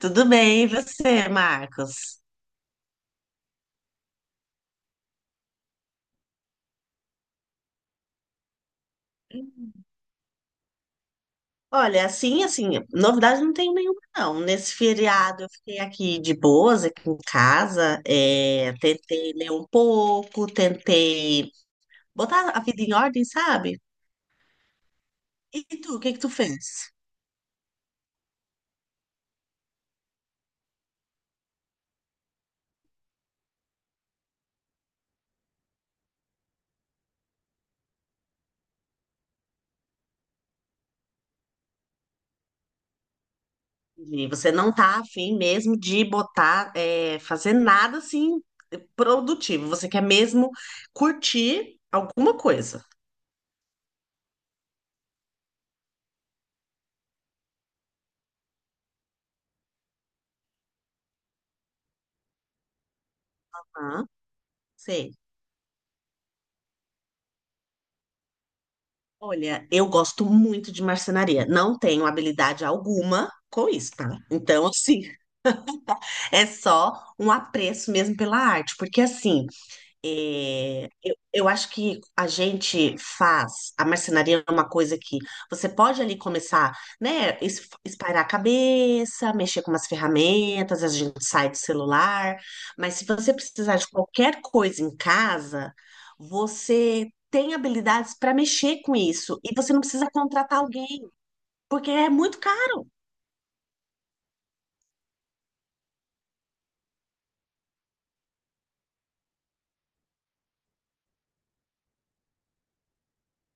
Tudo bem, e você, Marcos? Olha, assim, novidade não tenho nenhuma, não. Nesse feriado eu fiquei aqui de boas, aqui em casa, tentei ler um pouco, tentei botar a vida em ordem, sabe? E tu, o que que tu fez? E você não tá afim mesmo de botar, fazer nada assim produtivo, você quer mesmo curtir alguma coisa. Ah, sei. Olha, eu gosto muito de marcenaria. Não tenho habilidade alguma com isso, tá? Então, assim, é só um apreço mesmo pela arte, porque assim, eu acho que a gente faz a marcenaria é uma coisa que você pode ali começar, né, espairar a cabeça, mexer com umas ferramentas, a gente sai do celular, mas se você precisar de qualquer coisa em casa, você tem habilidades para mexer com isso e você não precisa contratar alguém, porque é muito caro.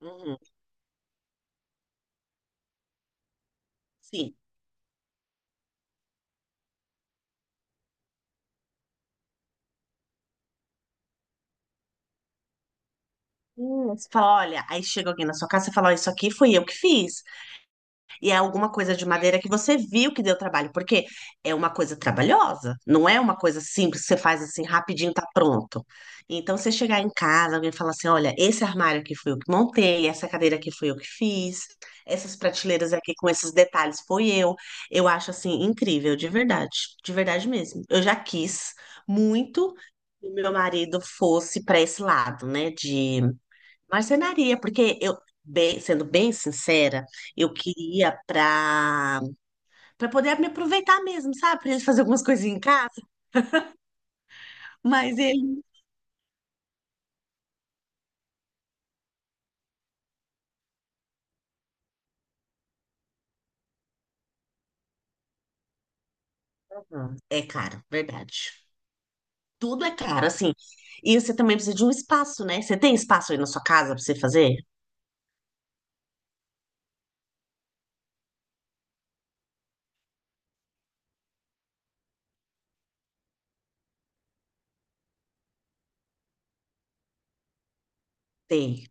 Uhum, sim. Você fala, olha, aí chega alguém na sua casa e fala, ó, isso aqui fui eu que fiz. E é alguma coisa de madeira que você viu que deu trabalho, porque é uma coisa trabalhosa, não é uma coisa simples que você faz assim rapidinho, tá pronto. Então, você chegar em casa, alguém falar assim: olha, esse armário aqui foi eu que montei, essa cadeira aqui foi eu que fiz, essas prateleiras aqui com esses detalhes foi eu. Eu acho assim incrível, de verdade mesmo. Eu já quis muito que o meu marido fosse para esse lado, né, de marcenaria, porque eu, sendo bem sincera, eu queria para poder me aproveitar mesmo, sabe? Pra gente fazer algumas coisinhas em casa, mas ele é caro, verdade. Tudo é caro, assim. E você também precisa de um espaço, né? Você tem espaço aí na sua casa para você fazer? Tem.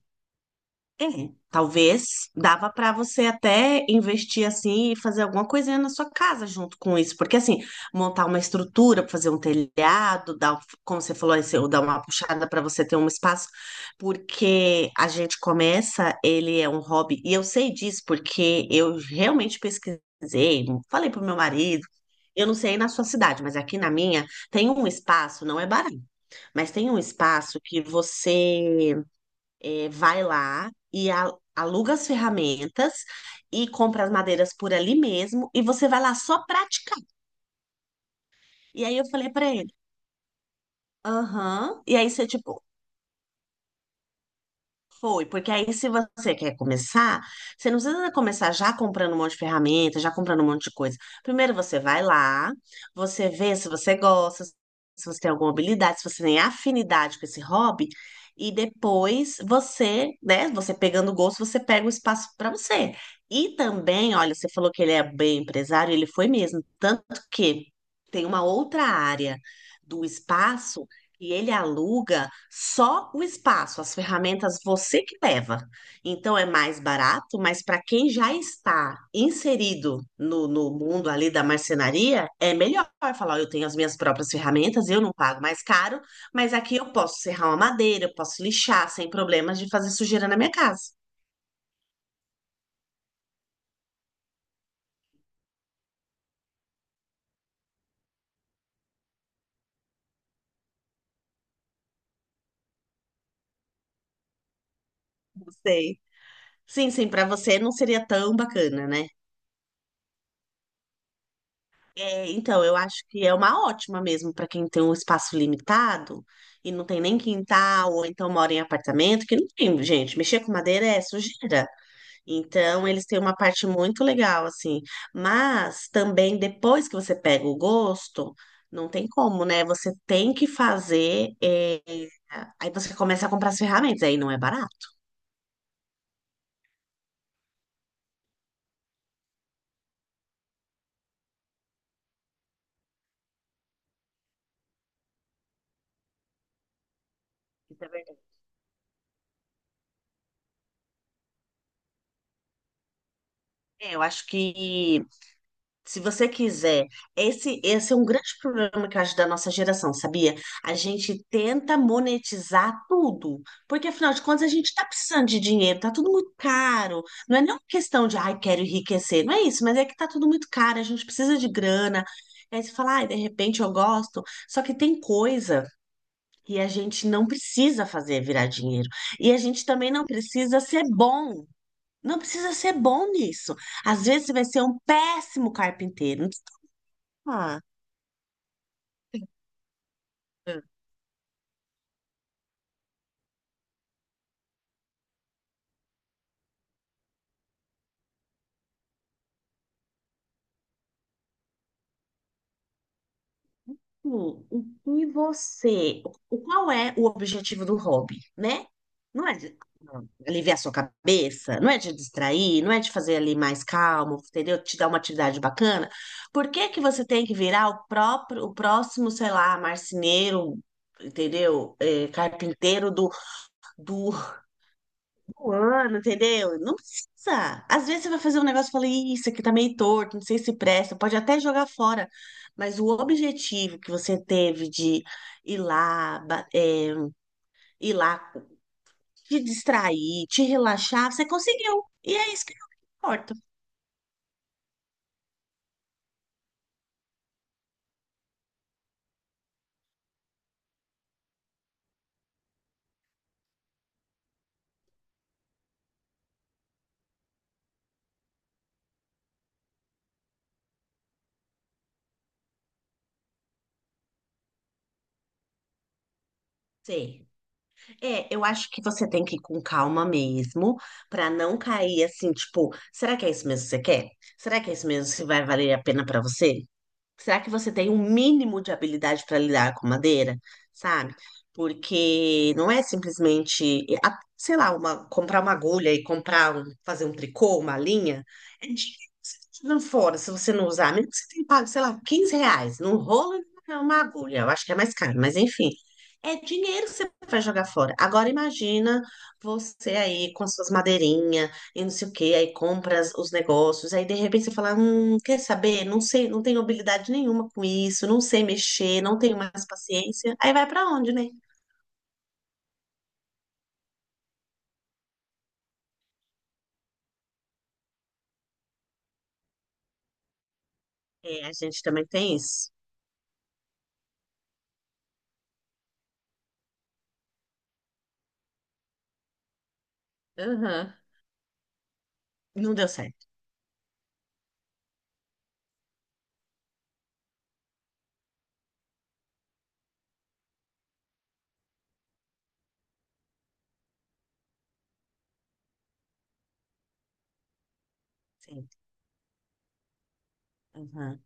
É, talvez dava para você até investir assim e fazer alguma coisinha na sua casa junto com isso, porque assim, montar uma estrutura, fazer um telhado, dar, um, como você falou, ou dar uma puxada para você ter um espaço, porque a gente começa, ele é um hobby, e eu sei disso porque eu realmente pesquisei, falei pro meu marido, eu não sei aí na sua cidade, mas aqui na minha tem um espaço, não é barato, mas tem um espaço que você vai lá e aluga as ferramentas e compra as madeiras por ali mesmo e você vai lá só praticar. E aí eu falei pra ele, aham. E aí você, tipo, foi, porque aí se você quer começar, você não precisa começar já comprando um monte de ferramenta, já comprando um monte de coisa. Primeiro você vai lá, você vê se você gosta, se você tem alguma habilidade, se você tem afinidade com esse hobby, e depois você, né, você pegando o gosto, você pega o espaço para você. E também, olha, você falou que ele é bem empresário, ele foi mesmo, tanto que tem uma outra área do espaço e ele aluga só o espaço, as ferramentas você que leva. Então é mais barato, mas para quem já está inserido no mundo ali da marcenaria, é melhor falar: "Ó, eu tenho as minhas próprias ferramentas, eu não pago mais caro, mas aqui eu posso serrar uma madeira, eu posso lixar sem problemas de fazer sujeira na minha casa." Não sei. Sim, sim, para você não seria tão bacana, né? É, então, eu acho que é uma ótima mesmo para quem tem um espaço limitado e não tem nem quintal, ou então mora em apartamento, que não tem, gente. Mexer com madeira é sujeira. Então, eles têm uma parte muito legal, assim. Mas também, depois que você pega o gosto, não tem como, né? Você tem que fazer. Aí você começa a comprar as ferramentas, aí não é barato. Isso é verdade. É, eu acho que se você quiser, esse é um grande problema que eu acho da nossa geração, sabia? A gente tenta monetizar tudo, porque afinal de contas a gente tá precisando de dinheiro, tá tudo muito caro. Não é nem uma questão de, ai, quero enriquecer, não é isso, mas é que tá tudo muito caro, a gente precisa de grana. Aí você fala, ai, de repente eu gosto, só que tem coisa que a gente não precisa fazer virar dinheiro, e a gente também não precisa ser bom. Não precisa ser bom nisso. Às vezes você vai ser um péssimo carpinteiro. Ah, hum. Sim, que você, o qual é o objetivo do hobby, né? Não é de aliviar sua cabeça, não é de distrair, não é de fazer ali mais calmo, entendeu? Te dar uma atividade bacana. Por que que você tem que virar o próximo, sei lá, marceneiro, entendeu? É, carpinteiro do um ano, entendeu? Não precisa. Às vezes você vai fazer um negócio e fala, "Ih, isso aqui tá meio torto, não sei se presta, pode até jogar fora." Mas o objetivo que você teve de ir lá, ba- é, ir lá, te distrair, te relaxar, você conseguiu. E é isso que importa. Sei. É, eu acho que você tem que ir com calma mesmo, pra não cair assim, tipo, será que é isso mesmo que você quer? Será que é isso mesmo que vai valer a pena pra você? Será que você tem um mínimo de habilidade para lidar com madeira? Sabe? Porque não é simplesmente, sei lá, comprar uma agulha e fazer um tricô, uma linha. É dinheiro que você tá jogando fora se você não usar. Mesmo que você tenha pago, sei lá, R$ 15 num rolo e uma agulha. Eu acho que é mais caro, mas enfim. É dinheiro que você vai jogar fora. Agora imagina você aí com suas madeirinhas e não sei o quê, aí compra os negócios, aí de repente você fala, quer saber? Não sei, não tenho habilidade nenhuma com isso, não sei mexer, não tenho mais paciência. Aí vai pra onde, né? É, a gente também tem isso. Aham. Não deu certo. Sim. Uhum.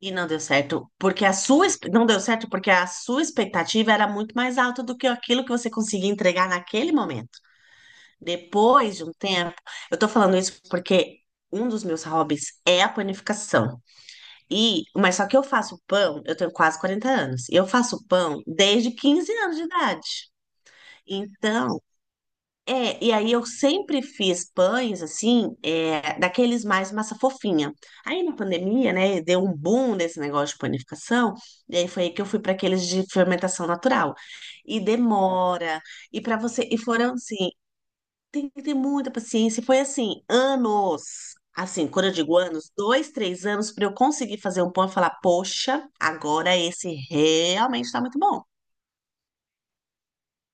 E não deu certo porque a sua exp- não deu certo porque a sua expectativa era muito mais alta do que aquilo que você conseguia entregar naquele momento. Depois de um tempo, eu tô falando isso porque um dos meus hobbies é a panificação. E, mas só que eu faço pão, eu tenho quase 40 anos, e eu faço pão desde 15 anos de idade. Então, e aí eu sempre fiz pães, assim, daqueles mais massa fofinha. Aí na pandemia, né, deu um boom nesse negócio de panificação, e aí foi aí que eu fui para aqueles de fermentação natural. E demora, e para você, e foram assim, tem que ter muita paciência. E foi assim, anos. Assim, quando eu digo anos, dois, três anos para eu conseguir fazer um pão e falar, poxa, agora esse realmente está muito bom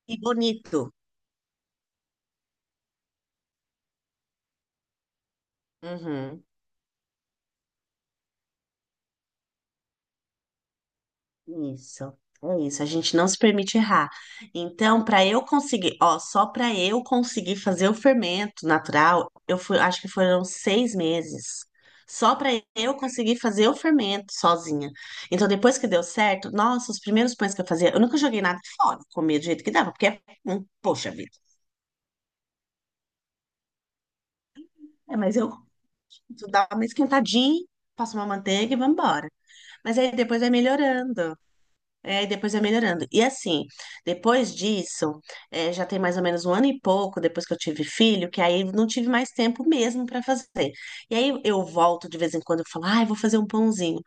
e bonito. Uhum. Isso, é isso. A gente não se permite errar. Então, para eu conseguir, ó, só para eu conseguir fazer o fermento natural, eu fui, acho que foram 6 meses. Só para eu conseguir fazer o fermento sozinha. Então, depois que deu certo, nossa, os primeiros pães que eu fazia, eu nunca joguei nada fora, comia do jeito que dava, porque, poxa vida. É, mas eu dava uma esquentadinha, passo uma manteiga e vamos embora. Mas aí depois vai melhorando. É, e depois vai melhorando. E assim, depois disso, já tem mais ou menos um ano e pouco depois que eu tive filho, que aí eu não tive mais tempo mesmo para fazer. E aí eu volto de vez em quando e falo, ai, vou fazer um pãozinho.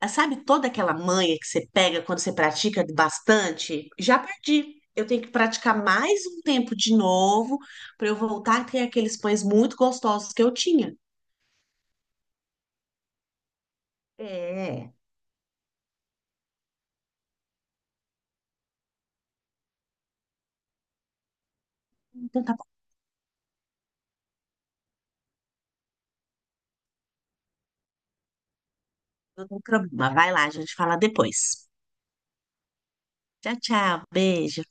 Ah, sabe toda aquela manha que você pega quando você pratica bastante? Já perdi. Eu tenho que praticar mais um tempo de novo para eu voltar a ter aqueles pães muito gostosos que eu tinha. É. Então tá bom, não tem problema. Vai lá, a gente fala depois. Tchau, tchau. Beijo.